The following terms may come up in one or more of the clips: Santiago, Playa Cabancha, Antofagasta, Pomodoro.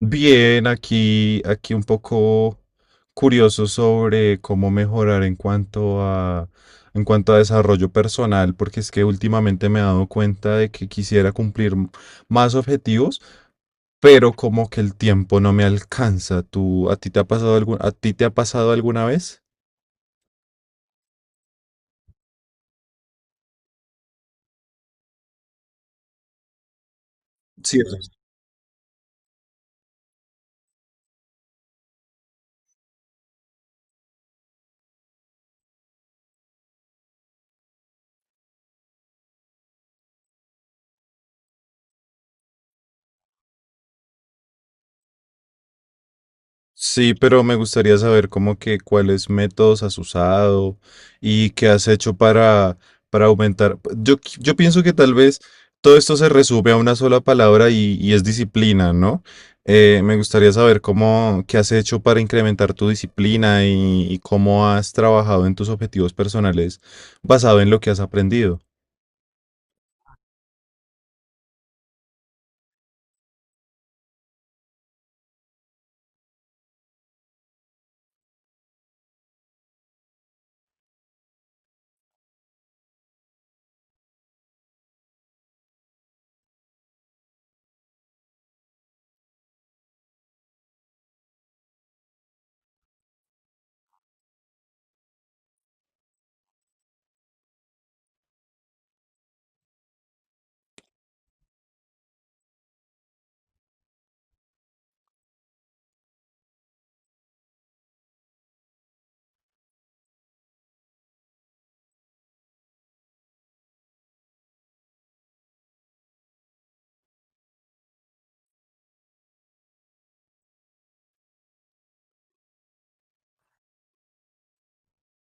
Bien, aquí un poco curioso sobre cómo mejorar en cuanto a desarrollo personal, porque es que últimamente me he dado cuenta de que quisiera cumplir más objetivos, pero como que el tiempo no me alcanza. ¿Tú, a ti te ha pasado alguna vez? Sí, sí, pero me gustaría saber como que cuáles métodos has usado y qué has hecho para aumentar. Yo pienso que tal vez todo esto se resume a una sola palabra y es disciplina, ¿no? Me gustaría saber qué has hecho para incrementar tu disciplina y cómo has trabajado en tus objetivos personales basado en lo que has aprendido.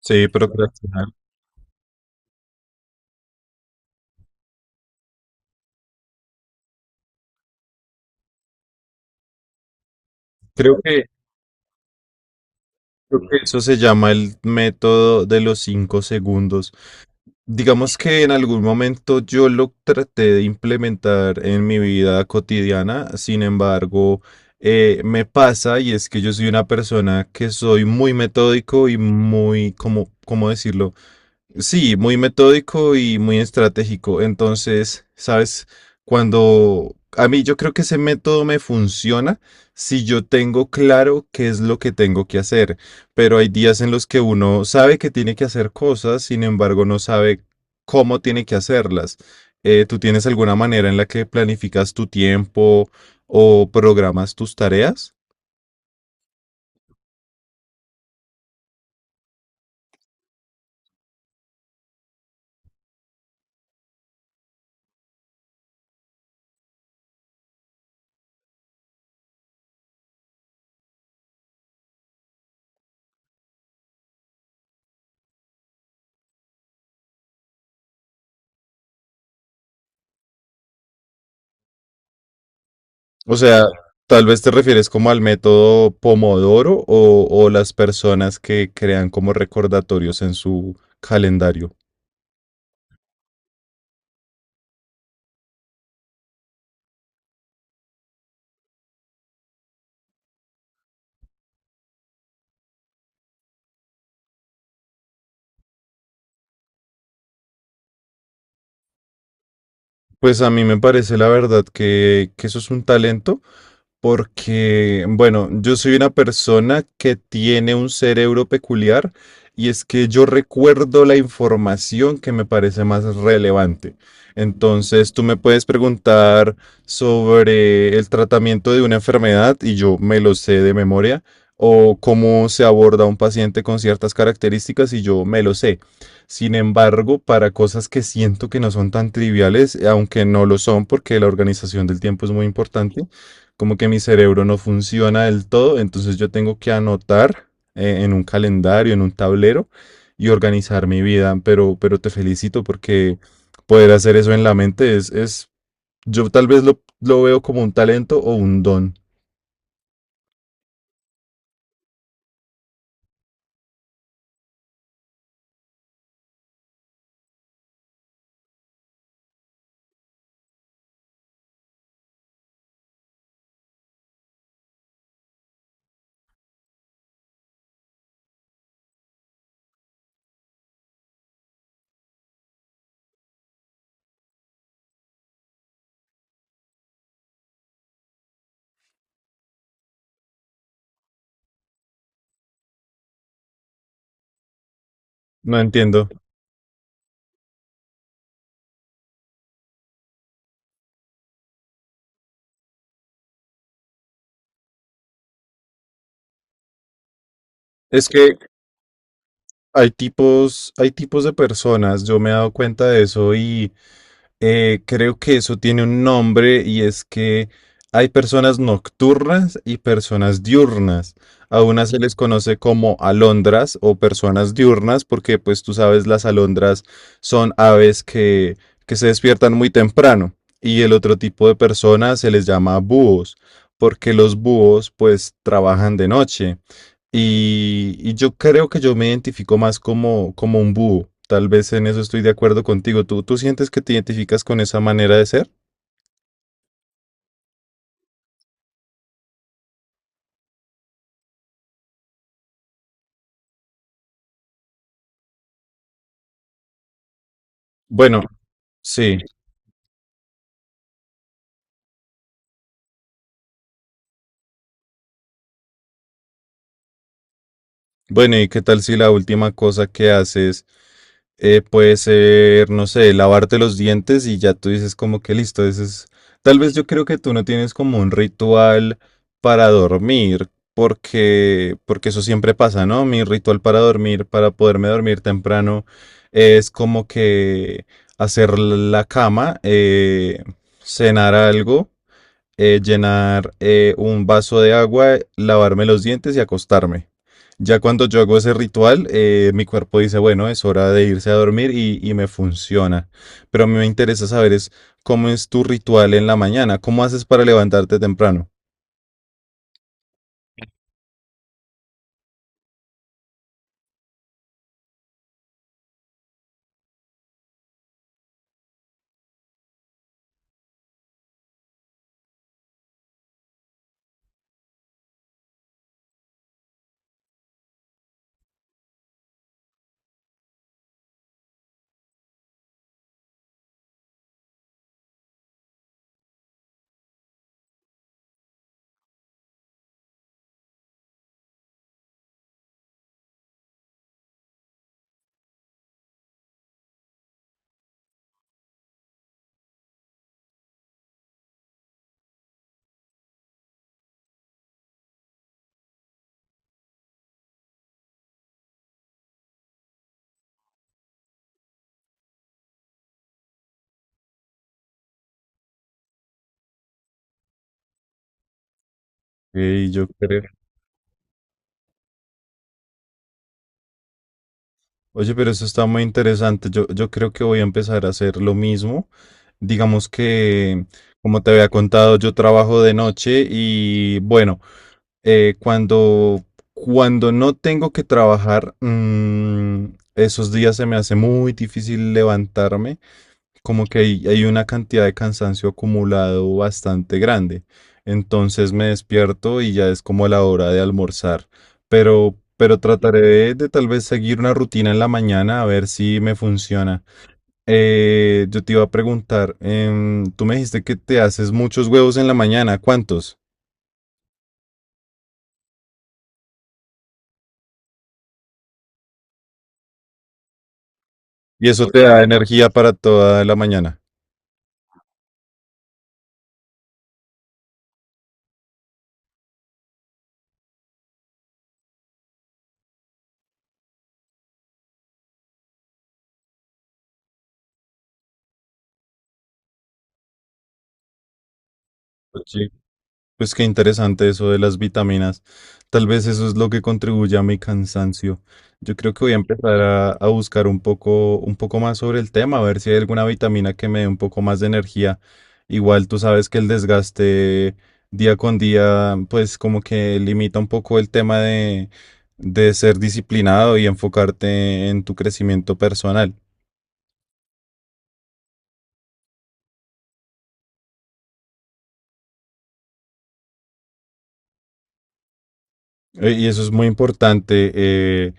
Sí, procrastinar. Creo que eso se llama el método de los 5 segundos. Digamos que en algún momento yo lo traté de implementar en mi vida cotidiana. Sin embargo, me pasa, y es que yo soy una persona que soy muy metódico y muy, como, ¿cómo decirlo? Sí, muy metódico y muy estratégico. Entonces, sabes, cuando a mí, yo creo que ese método me funciona si yo tengo claro qué es lo que tengo que hacer, pero hay días en los que uno sabe que tiene que hacer cosas, sin embargo, no sabe cómo tiene que hacerlas. ¿Tú tienes alguna manera en la que planificas tu tiempo o programas tus tareas? O sea, tal vez te refieres como al método Pomodoro, o las personas que crean como recordatorios en su calendario. Pues a mí me parece la verdad que eso es un talento. Porque, bueno, yo soy una persona que tiene un cerebro peculiar, y es que yo recuerdo la información que me parece más relevante. Entonces, tú me puedes preguntar sobre el tratamiento de una enfermedad y yo me lo sé de memoria, o cómo se aborda un paciente con ciertas características y yo me lo sé. Sin embargo, para cosas que siento que no son tan triviales, aunque no lo son porque la organización del tiempo es muy importante, como que mi cerebro no funciona del todo, entonces yo tengo que anotar, en un calendario, en un tablero, y organizar mi vida. Pero te felicito porque poder hacer eso en la mente es yo tal vez lo veo como un talento o un don. No entiendo. Es que hay tipos de personas, yo me he dado cuenta de eso. Y... Creo que eso tiene un nombre, y es que hay personas nocturnas y personas diurnas. A unas se les conoce como alondras o personas diurnas porque, pues, tú sabes, las alondras son aves que se despiertan muy temprano, y el otro tipo de personas se les llama búhos porque los búhos pues trabajan de noche. Y yo creo que yo me identifico más como un búho. Tal vez en eso estoy de acuerdo contigo. ¿Tú sientes que te identificas con esa manera de ser? Bueno, sí. Bueno, ¿y qué tal si la última cosa que haces, puede ser, no sé, lavarte los dientes? Y ya tú dices como que listo, tal vez yo creo que tú no tienes como un ritual para dormir, porque eso siempre pasa, ¿no? Mi ritual para dormir, para poderme dormir temprano, es como que hacer la cama, cenar algo, llenar, un vaso de agua, lavarme los dientes y acostarme. Ya cuando yo hago ese ritual, mi cuerpo dice, bueno, es hora de irse a dormir, y me funciona. Pero a mí me interesa saber es cómo es tu ritual en la mañana, cómo haces para levantarte temprano. Y yo creo, oye, pero eso está muy interesante. Yo creo que voy a empezar a hacer lo mismo. Digamos que, como te había contado, yo trabajo de noche y, bueno, eh, cuando, cuando no tengo que trabajar, esos días se me hace muy difícil levantarme, como que hay una cantidad de cansancio acumulado bastante grande. Entonces me despierto y ya es como la hora de almorzar. Pero trataré de tal vez seguir una rutina en la mañana, a ver si me funciona. Yo te iba a preguntar, tú me dijiste que te haces muchos huevos en la mañana, ¿cuántos? Y eso te da energía para toda la mañana. Pues sí, pues qué interesante eso de las vitaminas. Tal vez eso es lo que contribuye a mi cansancio. Yo creo que voy a empezar a buscar un poco, más sobre el tema, a ver si hay alguna vitamina que me dé un poco más de energía. Igual tú sabes que el desgaste día con día, pues como que limita un poco el tema de ser disciplinado y enfocarte en tu crecimiento personal. Y eso es muy importante. eh,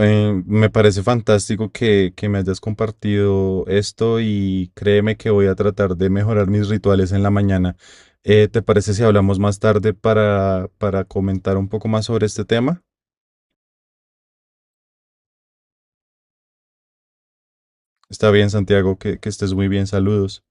Eh, Me parece fantástico que me hayas compartido esto, y créeme que voy a tratar de mejorar mis rituales en la mañana. ¿Te parece si hablamos más tarde para comentar un poco más sobre este tema? Está bien, Santiago, que estés muy bien. Saludos.